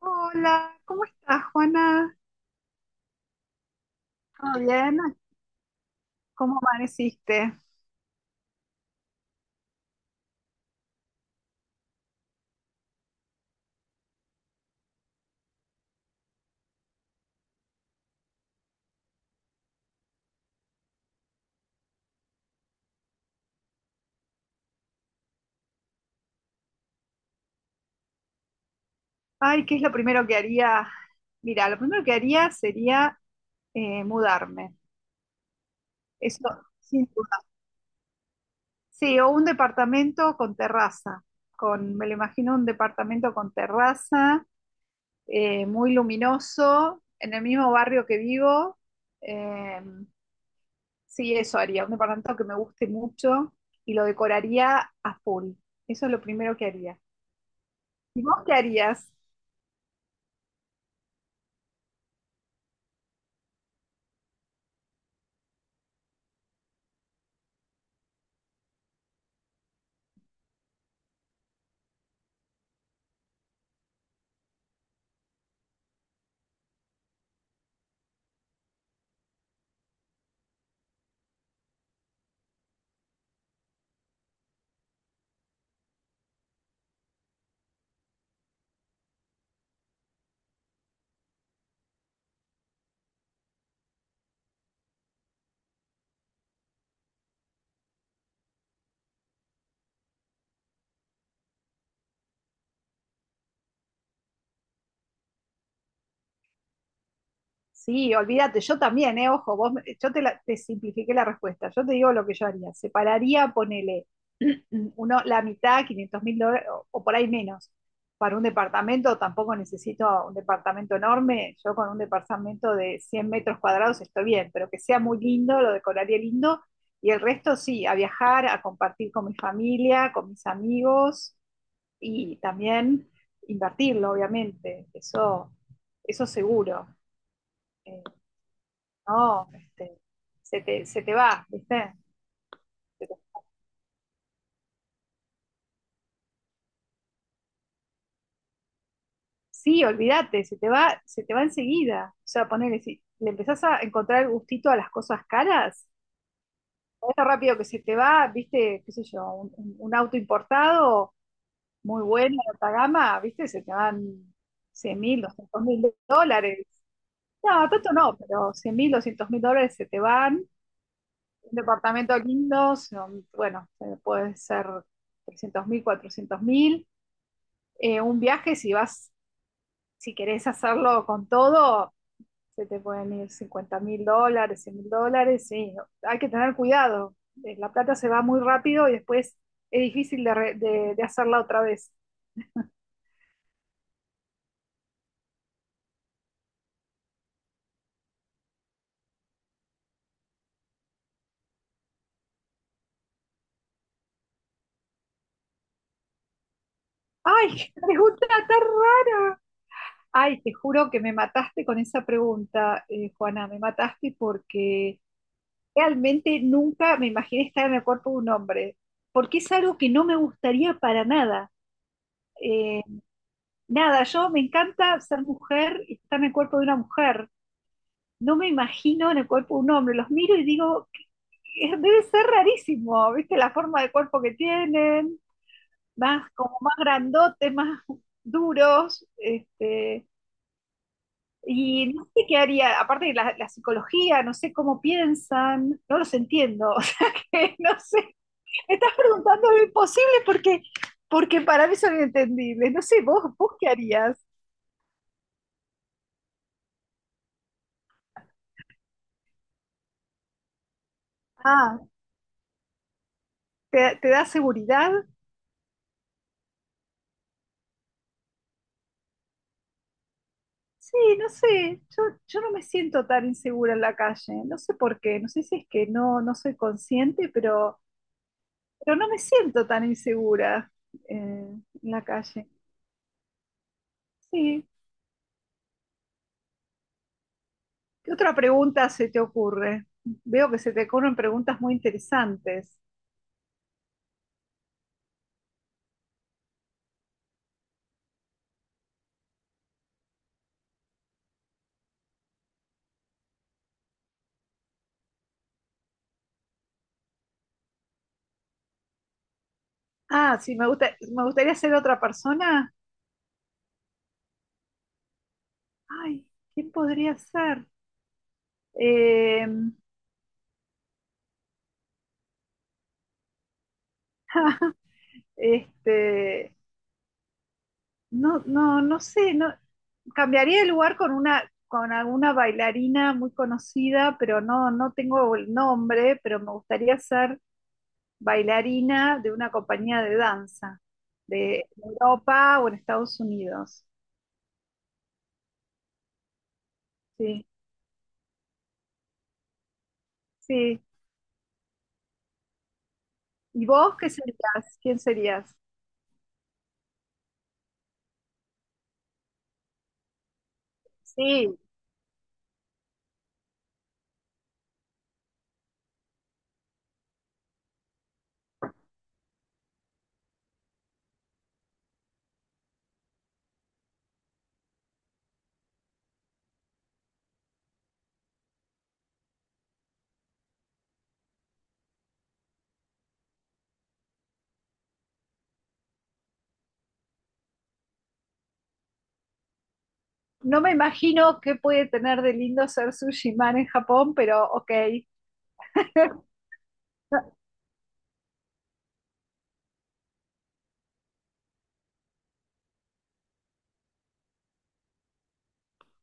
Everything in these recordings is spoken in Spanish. Hola, ¿cómo estás, Juana? ¿Todo bien? ¿Cómo amaneciste? Ay, ¿qué es lo primero que haría? Mira, lo primero que haría sería mudarme. Eso, sin duda. Sí, o un departamento con terraza. Con, me lo imagino un departamento con terraza, muy luminoso, en el mismo barrio que vivo. Eh, sí, eso haría. Un departamento que me guste mucho y lo decoraría a full. Eso es lo primero que haría. ¿Y vos qué harías? Sí, olvídate, yo también, ojo, vos, yo te, te simplifiqué la respuesta, yo te digo lo que yo haría, separaría, ponele uno, la mitad, $500.000, o por ahí menos, para un departamento. Tampoco necesito un departamento enorme, yo con un departamento de 100 metros cuadrados estoy bien, pero que sea muy lindo, lo decoraría lindo, y el resto sí, a viajar, a compartir con mi familia, con mis amigos, y también invertirlo, obviamente, eso seguro. Eh, no, este, se te va, ¿viste? Se te- sí, olvídate, se te va enseguida. O sea, ponele, si le empezás a encontrar el gustito a las cosas caras, es rápido que se te va, ¿viste? ¿Qué sé yo? Un auto importado, muy bueno, de alta gama, ¿viste? Se te van 100.000, $200.000. No, tanto no, pero 100.000, $200.000 se te van. Un departamento lindo, bueno, puede ser 300.000, 400.000. Un viaje, si vas, si querés hacerlo con todo, se te pueden ir $50.000, $100.000, sí, hay que tener cuidado. La plata se va muy rápido y después es difícil de hacerla otra vez. ¡Ay, qué pregunta tan rara! Ay, te juro que me mataste con esa pregunta, Juana, me mataste porque realmente nunca me imaginé estar en el cuerpo de un hombre, porque es algo que no me gustaría para nada. Eh, Nada, yo me encanta ser mujer y estar en el cuerpo de una mujer. No me imagino en el cuerpo de un hombre. Los miro y digo: "Debe ser rarísimo, ¿viste? La forma de cuerpo que tienen, más como más grandotes, más duros". Y no sé qué haría, aparte de la psicología. No sé cómo piensan, no los entiendo, o sea que no sé, me estás preguntando lo imposible, porque porque para mí son inentendibles. No sé, vos, qué harías. Ah, te da seguridad? Sí, no sé, yo, no me siento tan insegura en la calle. No sé por qué, no sé si es que no, no soy consciente, pero, no me siento tan insegura en la calle. Sí, ¿qué otra pregunta se te ocurre? Veo que se te ocurren preguntas muy interesantes. Ah, sí, me gusta, me gustaría ser otra persona. Ay, ¿quién podría ser? Eh, este, no, no, no sé. No, cambiaría el lugar con alguna bailarina muy conocida, pero no, tengo el nombre, pero me gustaría ser bailarina de una compañía de danza de Europa o en Estados Unidos. Sí, sí. ¿Y vos qué serías? ¿Quién serías? Sí, no me imagino qué puede tener de lindo ser sushi man en Japón, pero ok.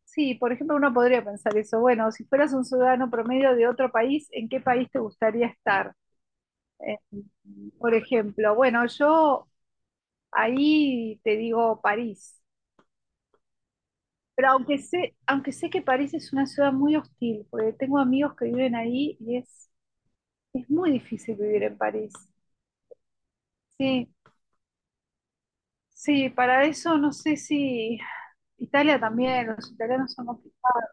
Sí, por ejemplo, uno podría pensar eso. Bueno, si fueras un ciudadano promedio de otro país, ¿en qué país te gustaría estar? Eh, por ejemplo, bueno, yo ahí te digo París, pero aunque sé, que París es una ciudad muy hostil, porque tengo amigos que viven ahí y es, muy difícil vivir en París. Sí, sí, para eso no sé. Si Italia también, los italianos son complicados.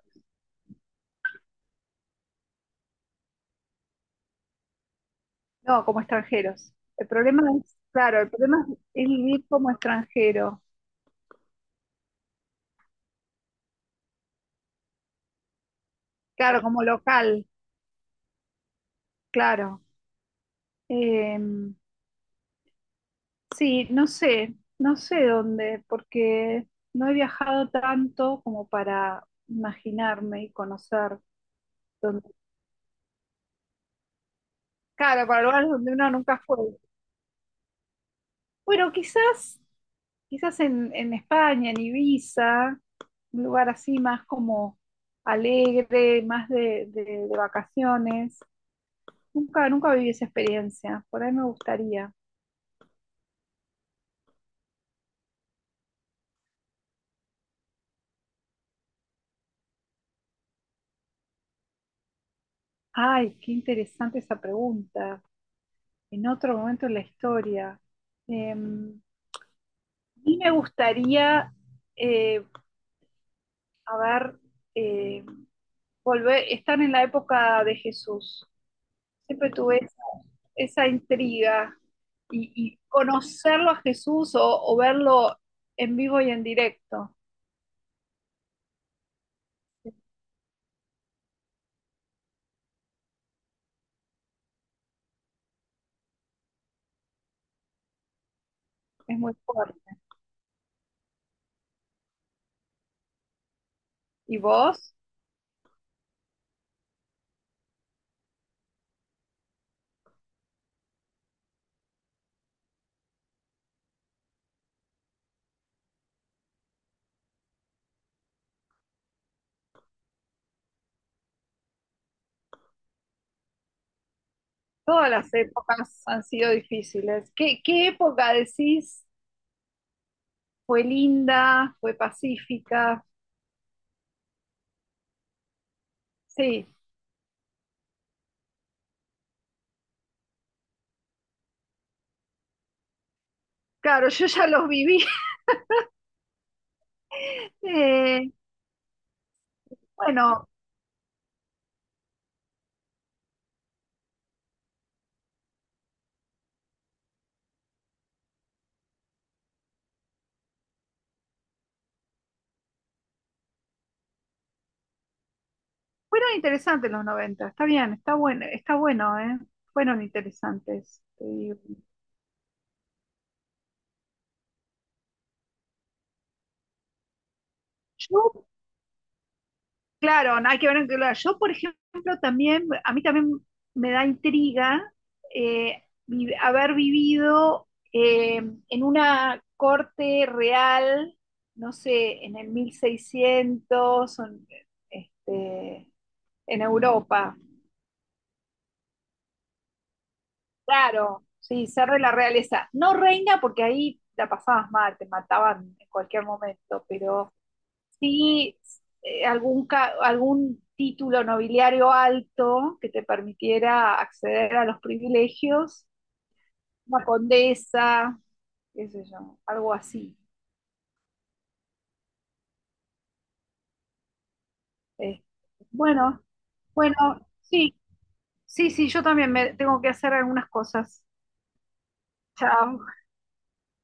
No, como extranjeros. El problema es, claro, el problema es vivir como extranjero. Claro, como local, claro. Eh, sí, no sé, dónde, porque no he viajado tanto como para imaginarme y conocer dónde. Claro, para lugares donde uno nunca fue. Bueno, quizás, en, España, en Ibiza, un lugar así más como alegre, más de vacaciones. Nunca, viví esa experiencia, por ahí me gustaría. Ay, qué interesante esa pregunta. En otro momento de la historia. Eh, y me gustaría, eh, a ver, eh, volver, estar en la época de Jesús. Siempre tuve esa intriga y conocerlo a Jesús, o verlo en vivo y en directo. Es muy fuerte. ¿Y vos? Todas las épocas han sido difíciles. ¿Qué época decís fue linda, fue pacífica? Sí. Claro, yo ya los viví. Eh, bueno, fueron interesantes los 90. Está bien, está bueno, ¿eh? Fueron interesantes, te digo. Yo, claro, no hay que ver en qué lugar. Yo, por ejemplo, también, a mí también me da intriga haber vivido en una corte real, no sé, en el 1600, o en, este, en Europa. Claro, sí, ser de la realeza. No reina, porque ahí la pasabas mal, te mataban en cualquier momento, pero sí algún, algún título nobiliario alto que te permitiera acceder a los privilegios, una condesa, qué sé yo, algo así. Eh, bueno, bueno, sí, sí, sí, yo también me tengo que hacer algunas cosas. Chao.